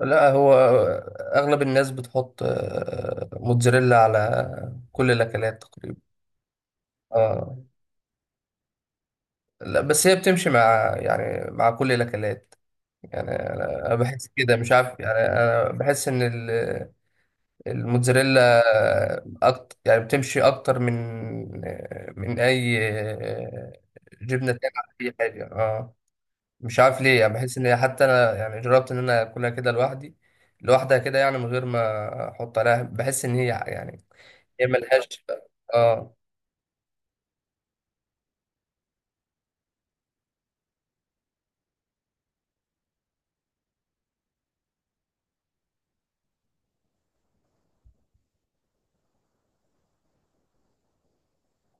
لا، هو اغلب الناس بتحط موتزاريلا على كل الاكلات تقريبا. اه، لا، بس هي بتمشي مع كل الاكلات. يعني انا بحس كده، مش عارف. يعني انا بحس ان الموتزاريلا أكتر، يعني بتمشي اكتر من اي جبنه تانية على اي حاجه، اه. مش عارف ليه، يعني بحس ان هي، حتى انا يعني جربت ان انا اكلها كده لوحدي، لوحدها كده، يعني من غير ما احط عليها، بحس ان هي ملهاش. اه.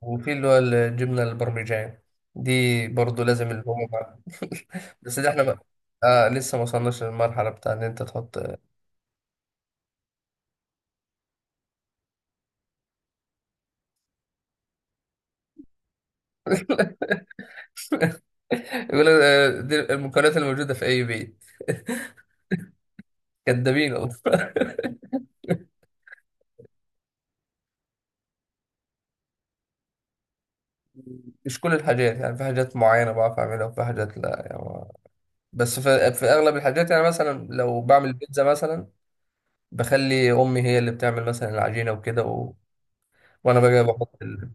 وفي اللي هو الجبنه البرمجان دي، برضو لازم اللحوم معاها. بس دي احنا ما... لسه ما وصلناش للمرحله بتاع ان انت تحط. يقول لك دي المكونات الموجوده في اي بيت. كدابين والله. مش كل الحاجات، يعني في حاجات معينه بعرف اعملها وفي حاجات لا، يعني. بس في اغلب الحاجات، يعني مثلا لو بعمل بيتزا مثلا، بخلي امي هي اللي بتعمل مثلا العجينه وكده، و... وانا بقى بحط ال...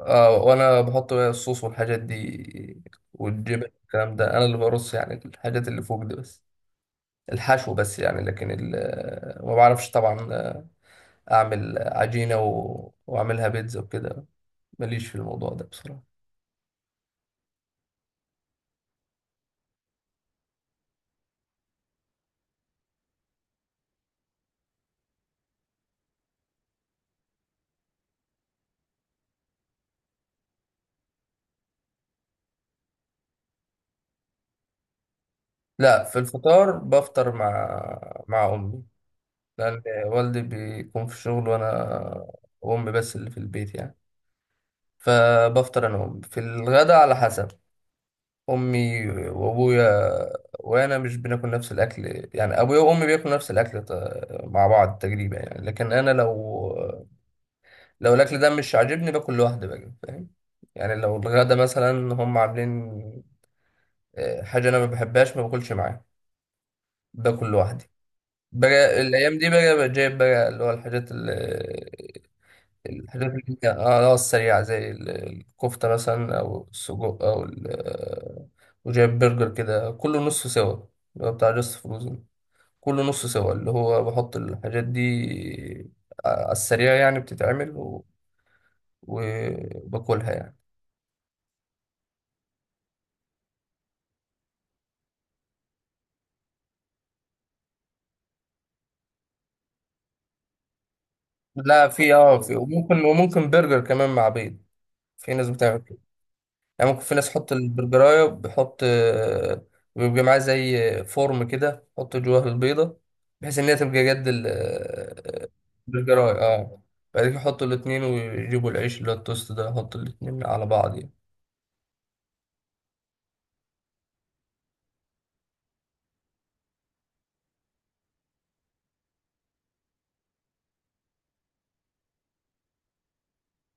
وانا بحط بقى الصوص والحاجات دي والجبن. الكلام ده انا اللي برص، يعني الحاجات اللي فوق دي بس، الحشو بس يعني. لكن ال... ما بعرفش طبعا، اعمل عجينه واعملها بيتزا وكده. ماليش في الموضوع ده بصراحه. لا، في الفطار بفطر مع امي، لان والدي بيكون في الشغل، وانا وامي بس اللي في البيت يعني. فبفطر انا وامي. في الغدا على حسب امي وابويا، وانا مش بناكل نفس الاكل. يعني ابويا وامي بياكلوا نفس الاكل، مع بعض تقريبا يعني. لكن انا لو الاكل ده مش عاجبني، باكل لوحدي بقى، فاهم. يعني لو الغدا مثلا هم عاملين حاجه انا ما بحبهاش، ما باكلش معاهم، باكل لوحدي. بقى الايام دي، بقى جايب بقى اللي هو الحاجات اللي هي السريعة، زي الكفتة مثلا، أو السجق أو وجايب برجر كده، كله نص سوا، اللي هو بتاع جاست فروزن، كله نص سوا. اللي هو بحط الحاجات دي على السريع، يعني بتتعمل وباكلها يعني. لا، في وممكن برجر كمان مع بيض. في ناس بتعمل كده. يعني ممكن في ناس تحط البرجراية، بيحط بيبقى معاه زي فورم كده، يحط جواه البيضة بحيث إن هي تبقى جد البرجراية، اه. بعد كده يحطوا الاتنين ويجيبوا العيش اللي هو التوست ده، يحطوا الاتنين على بعض يعني.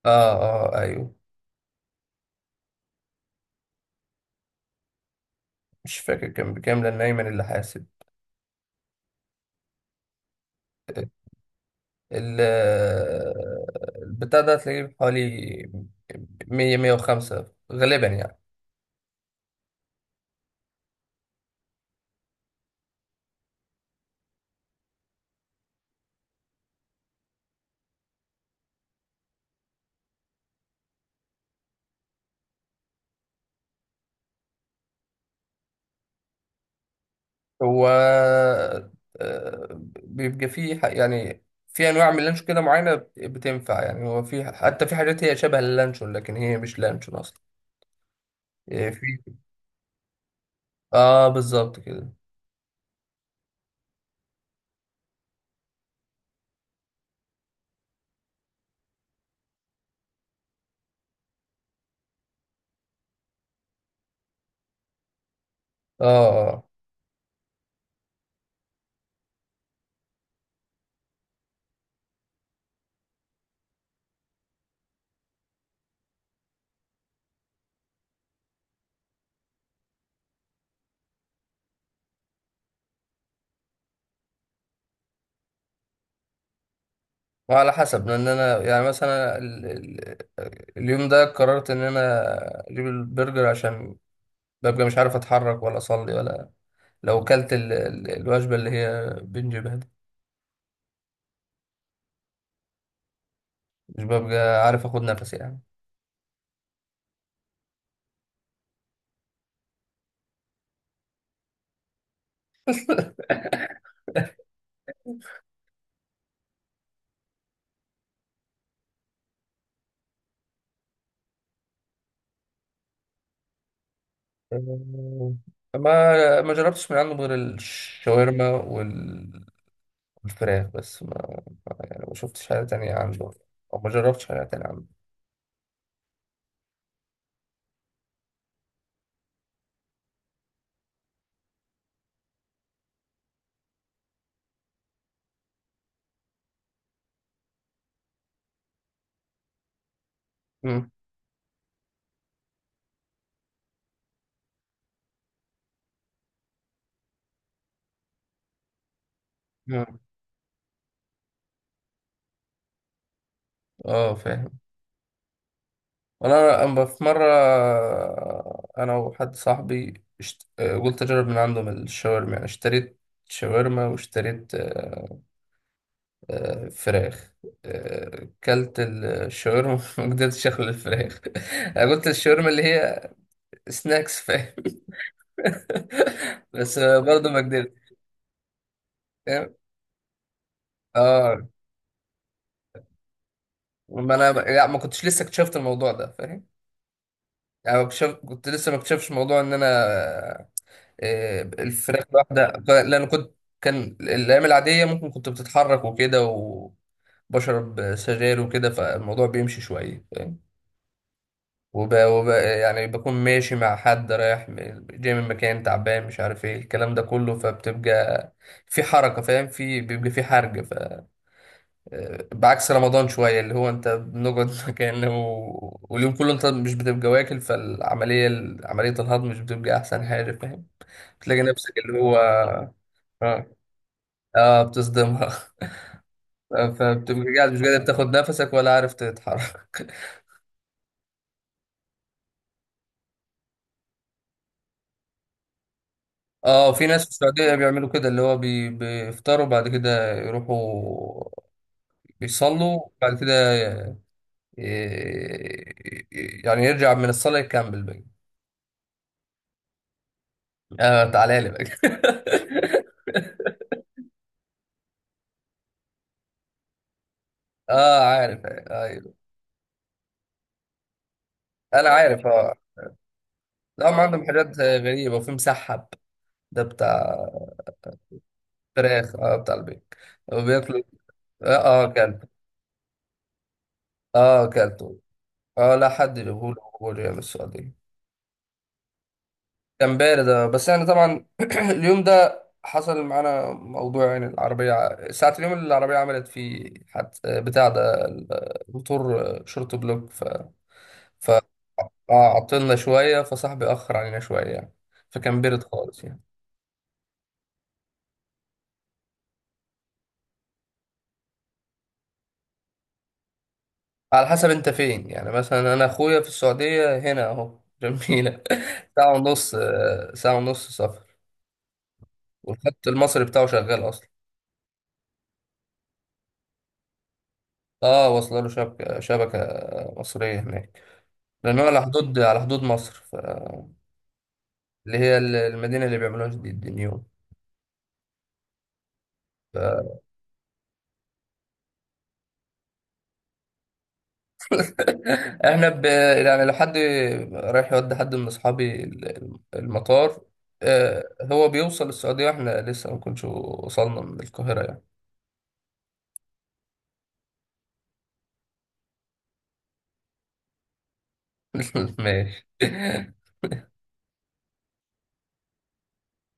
اه، اه، آه، أيوه. مش فاكر كان بكام، لأن أيمن اللي حاسب. ال- آه، البتاع ده هتلاقيه حوالي 100، 105 غالبا يعني. هو بيبقى فيه يعني في انواع من اللانشون كده معينه بتنفع يعني. هو في، حتى في حاجات هي شبه اللانشون لكن هي مش لانشون اصلا. إيه، في اه بالظبط كده. اه، اه، آه. وعلى حسب، لان انا يعني مثلا ال... ال... اليوم ده قررت ان انا اجيب البرجر، عشان ببقى مش عارف اتحرك ولا اصلي ولا. لو كلت الوجبه اللي هي بنجيبها دي، مش ببقى عارف اخد نفسي يعني. أمم، ما جربتش من عنده غير الشاورما والفراخ بس. ما- يعني ما شفتش حاجة تانية عنده، أو ما جربتش حاجة تانية عنده. أمم. أمم. اه، فاهم. وأنا، أما في مرة، أنا وحد صاحبي اشت... آه، قلت أجرب من عندهم الشاورما، يعني اشتريت شاورما واشتريت فراخ. كلت الشاورما، ما قدرتش أخلي الفراخ. أنا قلت الشاورما اللي هي سناكس. بس برضه ما قدرت. فاهم، اه. ما انا لا، ما كنتش لسه اكتشفت الموضوع ده، فاهم. يعني ما اكتشف... كنت لسه ما اكتشفش موضوع ان انا الفراخ الواحده، لان كنت، كان الايام العاديه ممكن كنت بتتحرك وكده، وبشرب سجاير وكده، فالموضوع بيمشي شويه فاهم. يعني بكون ماشي مع حد، رايح جاي من مكان تعبان، مش عارف ايه، الكلام ده كله، فبتبقى في حركه فاهم، في، بيبقى في حرج. بعكس رمضان شوية، اللي هو انت بنقعد مكانه، واليوم كله انت مش بتبقى واكل، فالعملية، عملية الهضم مش بتبقى أحسن حاجة، فاهم. بتلاقي نفسك اللي هو، اه، آه، بتصدمها. فبتبقى قاعد مش قادر تاخد نفسك، ولا عارف تتحرك. اه، في ناس في السعودية بيعملوا كده، اللي هو بيفطروا، بعد كده يروحوا بيصلوا، بعد كده ي... يعني يرجع من الصلاة يكمل بقى. اه، تعالى لي بقى. اه، عارف، آه. انا هو عارف، اه. لا، هم عندهم حاجات غريبه، وفي مسحب. ده بتاع فراخ، اه، بتاع البيك، وبياكلوا. اه، اه، كلب. اه، كلته. اه، لا، حد يقول يا السعوديه. كان بارد، بس يعني طبعا، اليوم ده حصل معانا موضوع، يعني العربيه ساعه اليوم اللي العربيه عملت فيه، حد بتاع ده، الموتور، شورت بلوك، ف- اه عطلنا شويه، فصاحبي اخر علينا شويه يعني، فكان بارد خالص يعني. على حسب انت فين، يعني مثلا انا اخويا في السعودية هنا اهو، جميلة، ساعة ونص سفر. والخط المصري بتاعه شغال اصلا. اه، واصله له شبكة مصرية هناك، لان هو على حدود مصر، اللي هي المدينة اللي بيعملوها جديد، النيوم. ف- احنا يعني لو حد رايح يودي حد من اصحابي المطار، هو بيوصل السعودية واحنا لسه ما كناش وصلنا من القاهرة يعني. ماشي.